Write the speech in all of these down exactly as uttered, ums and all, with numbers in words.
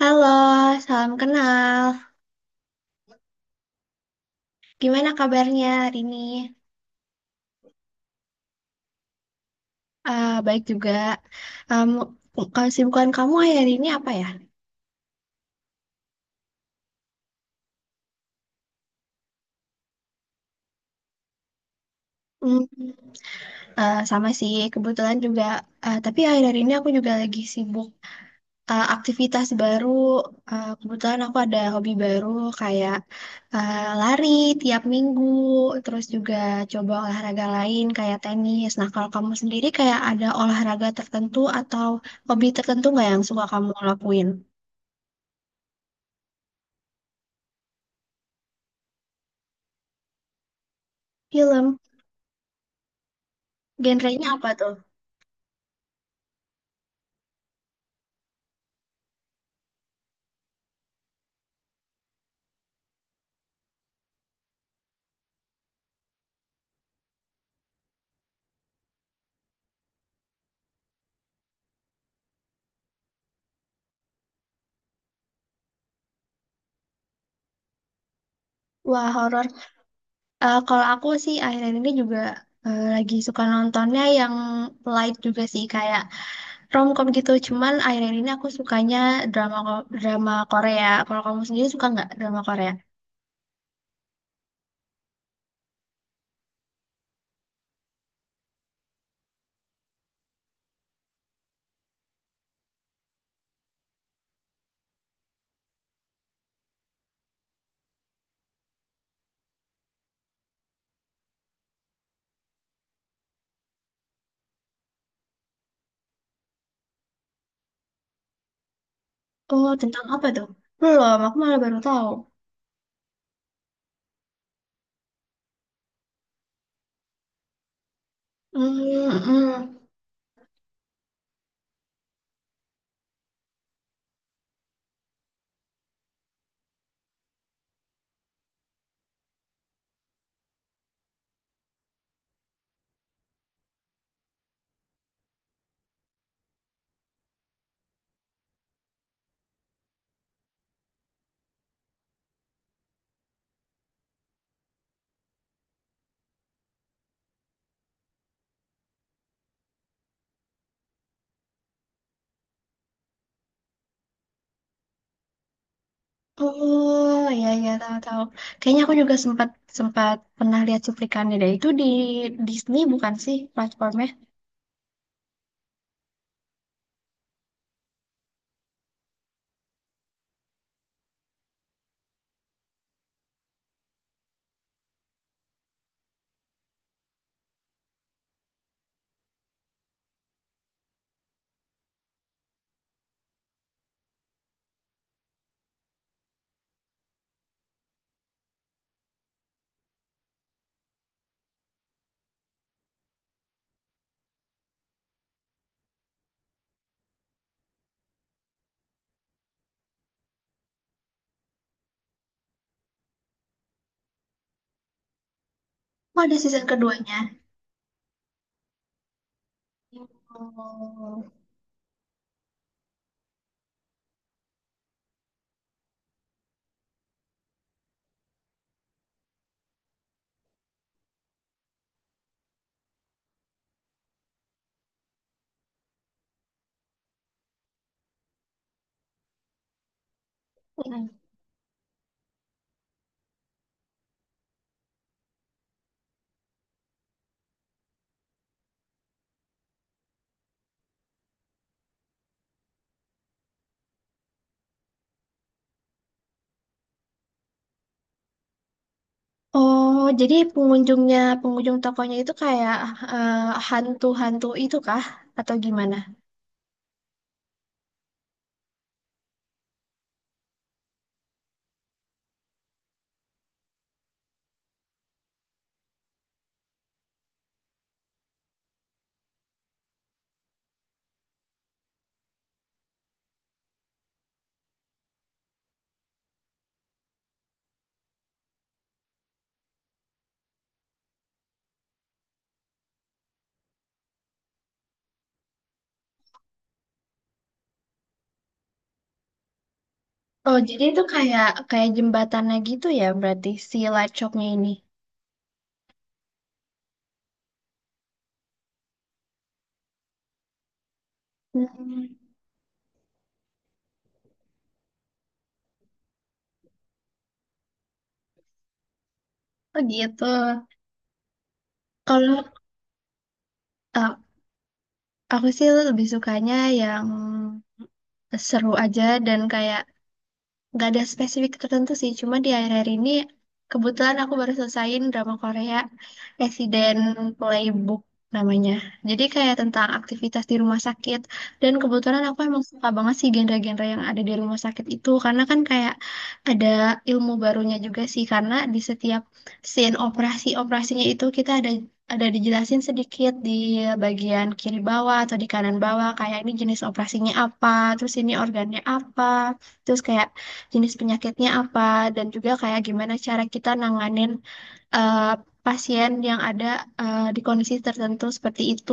Halo, salam kenal. Gimana kabarnya hari ini? Ah, baik juga. Um, kesibukan kamu akhir ini apa ya? Hmm, eh, sama sih, kebetulan juga. Eh, tapi akhir ini aku juga lagi sibuk eh, aktivitas baru. Eh, kebetulan aku ada hobi baru kayak eh, lari tiap minggu, terus juga coba olahraga lain kayak tenis. Nah, kalau kamu sendiri kayak ada olahraga tertentu atau hobi tertentu nggak yang suka kamu lakuin? Film, genrenya apa tuh? Wah, horor. Eh, kalau aku sih akhir-akhir ini juga eh, lagi suka nontonnya yang light juga sih, kayak romcom gitu. Cuman akhir-akhir ini aku sukanya drama ko- drama Korea. Kalau kamu sendiri suka nggak drama Korea? Oh, tentang apa tuh? Belum, aku malah baru tahu. Hmm, hmm, hmm. Oh, ya ya, tahu-tahu. Kayaknya aku juga sempat sempat pernah lihat cuplikannya deh. Itu di Disney bukan sih platformnya? Oh, ada season keduanya. Oh, oh, jadi pengunjungnya, pengunjung tokonya itu kayak eh, hantu-hantu itu kah? Atau gimana? Oh, jadi itu kayak kayak jembatannya gitu ya berarti si light shopnya ini. Hmm. Oh gitu. Kalau eh, aku sih lebih sukanya yang seru aja dan kayak nggak ada spesifik tertentu sih, cuma di akhir-akhir ini kebetulan aku baru selesaiin drama Korea Resident Playbook namanya, jadi kayak tentang aktivitas di rumah sakit. Dan kebetulan aku emang suka banget sih genre-genre yang ada di rumah sakit itu karena kan kayak ada ilmu barunya juga sih, karena di setiap scene operasi-operasinya itu kita ada ada dijelasin sedikit di bagian kiri bawah atau di kanan bawah kayak ini jenis operasinya apa, terus ini organnya apa, terus kayak jenis penyakitnya apa, dan juga kayak gimana cara kita nanganin eh, pasien yang ada eh, di kondisi tertentu seperti itu.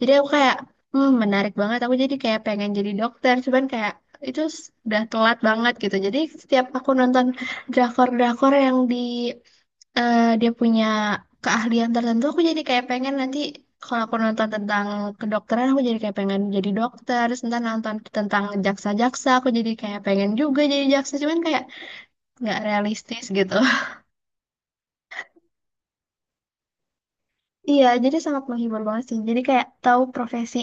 Jadi aku kayak, hmm, menarik banget. Aku jadi kayak pengen jadi dokter, cuman kayak itu s- udah telat banget gitu. Jadi setiap aku nonton drakor-drakor yang di eh, dia punya keahlian tertentu aku jadi kayak pengen nanti kalau aku nonton tentang kedokteran aku jadi kayak pengen jadi dokter, terus ntar nonton tentang jaksa-jaksa aku jadi kayak pengen juga jadi jaksa, cuman kayak nggak realistis gitu. Iya, jadi sangat menghibur banget sih, jadi kayak tahu profesi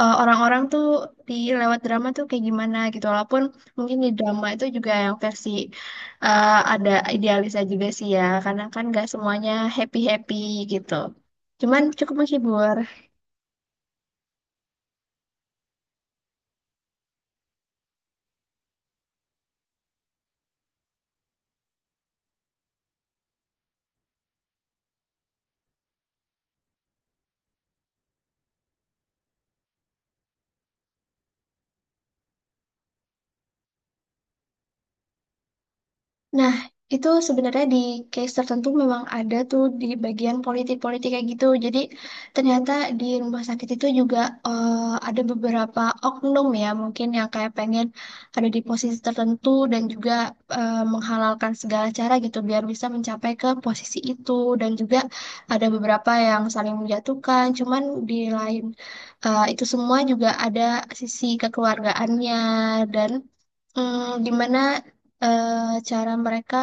eh, orang-orang tuh di lewat drama tuh kayak gimana gitu, walaupun mungkin di drama itu juga yang versi eh, ada idealisnya juga sih ya, karena kan nggak semuanya happy-happy gitu, cuman cukup menghibur. Nah, itu sebenarnya di case tertentu memang ada tuh di bagian politik-politik kayak gitu. Jadi ternyata di rumah sakit itu juga eh, ada beberapa oknum ya mungkin yang kayak pengen ada di posisi tertentu dan juga eh, menghalalkan segala cara gitu biar bisa mencapai ke posisi itu. Dan juga ada beberapa yang saling menjatuhkan. Cuman di lain eh, itu semua juga ada sisi kekeluargaannya dan dimana eh, cara mereka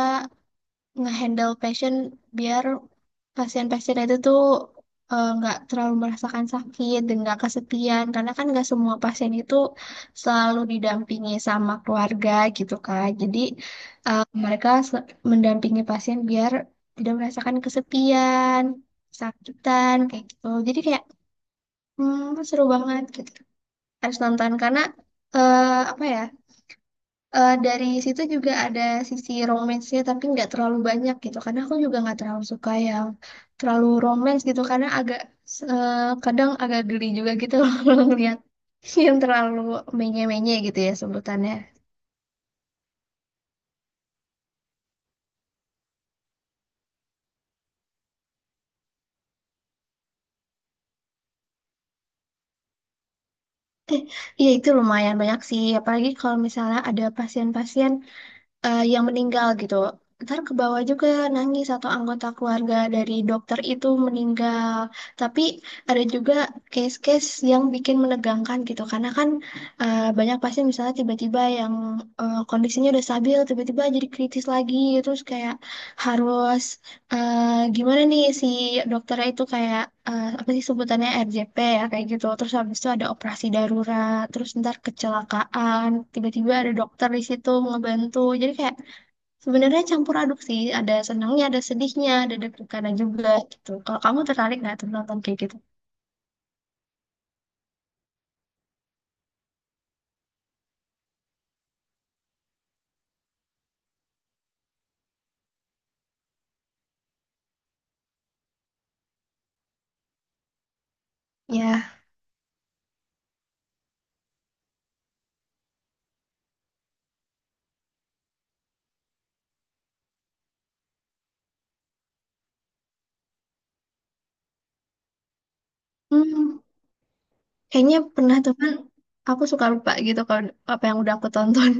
ngehandle pasien biar pasien-pasien itu tuh eh, nggak terlalu merasakan sakit dan nggak kesepian, karena kan nggak semua pasien itu selalu didampingi sama keluarga gitu kan. Jadi eh, mereka se- mendampingi pasien biar tidak merasakan kesepian sakitan kayak gitu, jadi kayak hmm, seru banget gitu harus nonton karena eh, apa ya. Eh, dari situ juga ada sisi romance-nya tapi nggak terlalu banyak gitu, karena aku juga nggak terlalu suka yang terlalu romance gitu karena agak eh, kadang agak geli juga gitu loh kalau ngeliat yang terlalu menye-menye gitu ya sebutannya. Eh, Iya itu lumayan banyak sih apalagi kalau misalnya ada pasien-pasien eh, yang meninggal gitu. Ntar ke bawah juga nangis atau anggota keluarga dari dokter itu meninggal. Tapi ada juga case-case yang bikin menegangkan gitu. Karena kan eh, banyak pasien misalnya tiba-tiba yang eh, kondisinya udah stabil, tiba-tiba jadi kritis lagi. Terus kayak harus eh gimana nih si dokternya itu kayak eh, apa sih sebutannya R J P ya kayak gitu, terus habis itu ada operasi darurat, terus ntar kecelakaan tiba-tiba ada dokter di situ ngebantu, jadi kayak sebenarnya campur aduk sih, ada senangnya ada sedihnya ada deg-degannya juga gitu. Kalau kamu tertarik nggak tuh nonton kayak gitu? Ya, hmm, kayaknya pernah tuh kan, aku suka lupa gitu kalau apa yang udah aku tonton.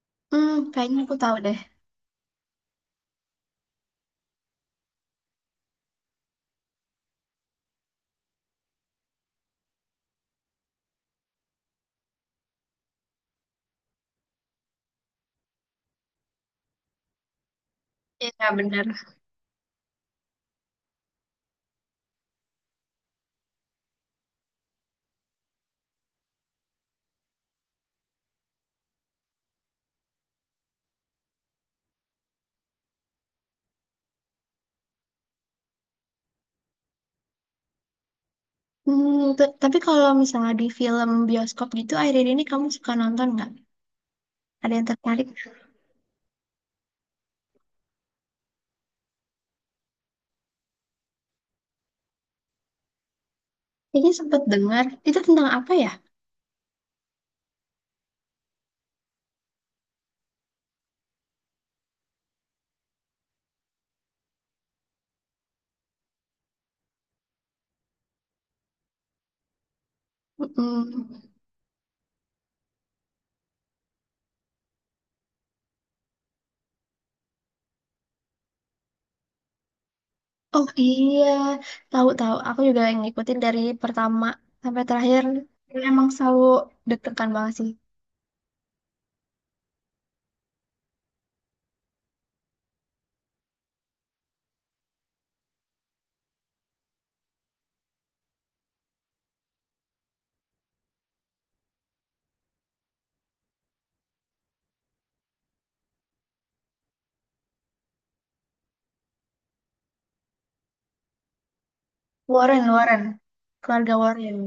Hmm, kayaknya aku tahu deh. Iya bener. Hmm, t- tapi kalau misalnya di film bioskop gitu, akhir-akhir ini kamu suka nonton nggak? Ada yang tertarik? Kayaknya sempet dengar. Itu tentang apa ya? Mm-mm. Oh iya, tahu-tahu. Aku juga yang ngikutin dari pertama sampai terakhir. Emang selalu deg-degan banget sih. Warren, Warren. Keluarga Warren.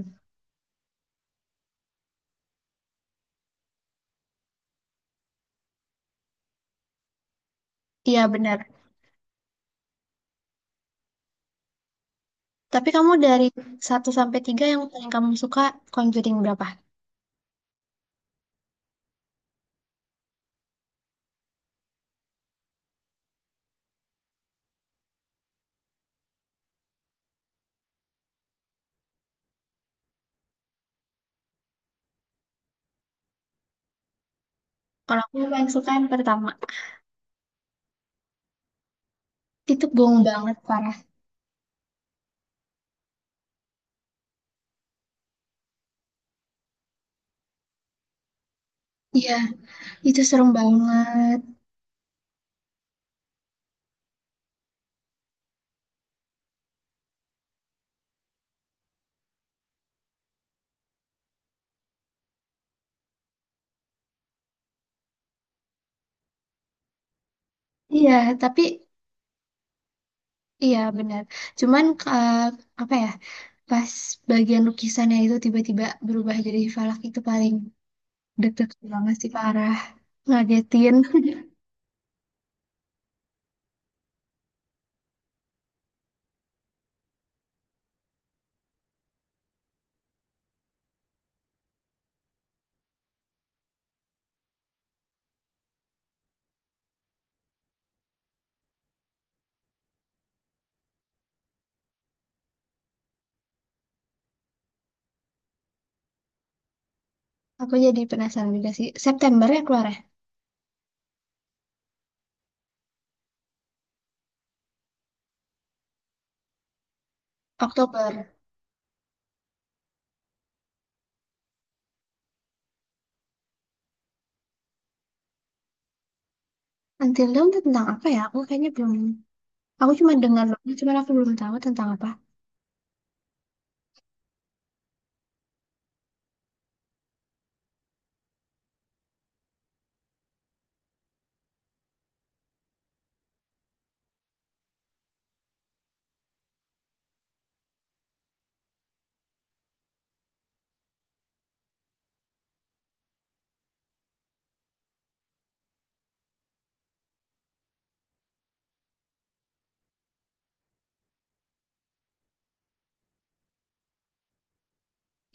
Iya benar. Tapi kamu dari satu sampai tiga yang paling kamu suka Conjuring berapa? Kalau aku yang paling suka yang pertama. Itu gong banget parah. Iya, itu serem banget. Iya, tapi iya benar. Cuman eh, apa ya? Pas bagian lukisannya itu tiba-tiba berubah jadi falak itu paling deg-degan banget sih parah. Ngagetin. Aku jadi penasaran juga sih. September ya keluar ya? Oktober. Until Dawn tuh tentang apa ya? Aku kayaknya belum. Aku cuma dengar doang, cuman aku belum tahu tentang apa.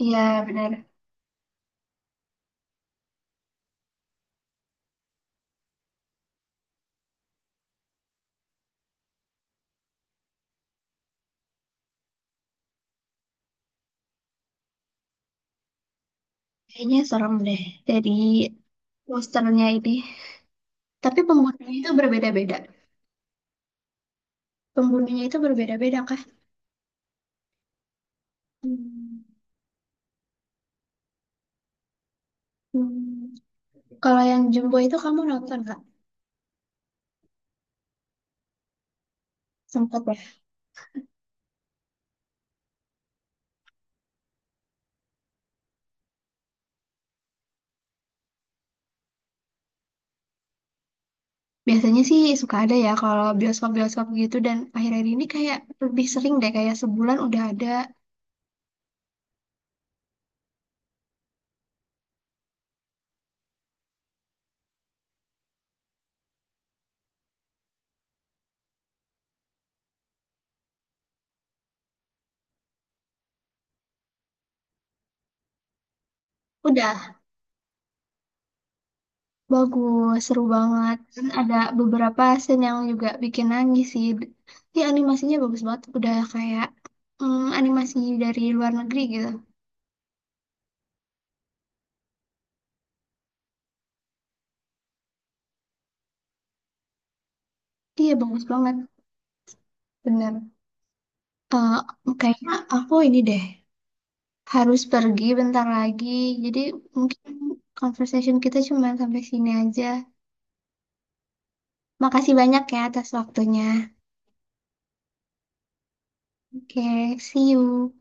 Iya, benar. Kayaknya serem deh. Jadi posternya ini. Tapi pembunuhnya itu berbeda-beda. Pembunuhnya itu berbeda-beda kah? Hmm. Hmm, kalau yang Jumbo itu kamu nonton nggak? Sempet ya? Biasanya sih suka ada ya kalau bioskop-bioskop gitu, dan akhir-akhir ini kayak lebih sering deh kayak sebulan udah ada. Udah, bagus, seru banget. Dan ada beberapa scene yang juga bikin nangis sih. Iya animasinya bagus banget. Udah kayak mm, animasi dari luar negeri gitu. Iya bagus banget, bener. Eh, kayaknya aku ini deh. Harus pergi bentar lagi. Jadi mungkin conversation kita cuma sampai sini aja. Makasih banyak ya atas waktunya. Oke, see you.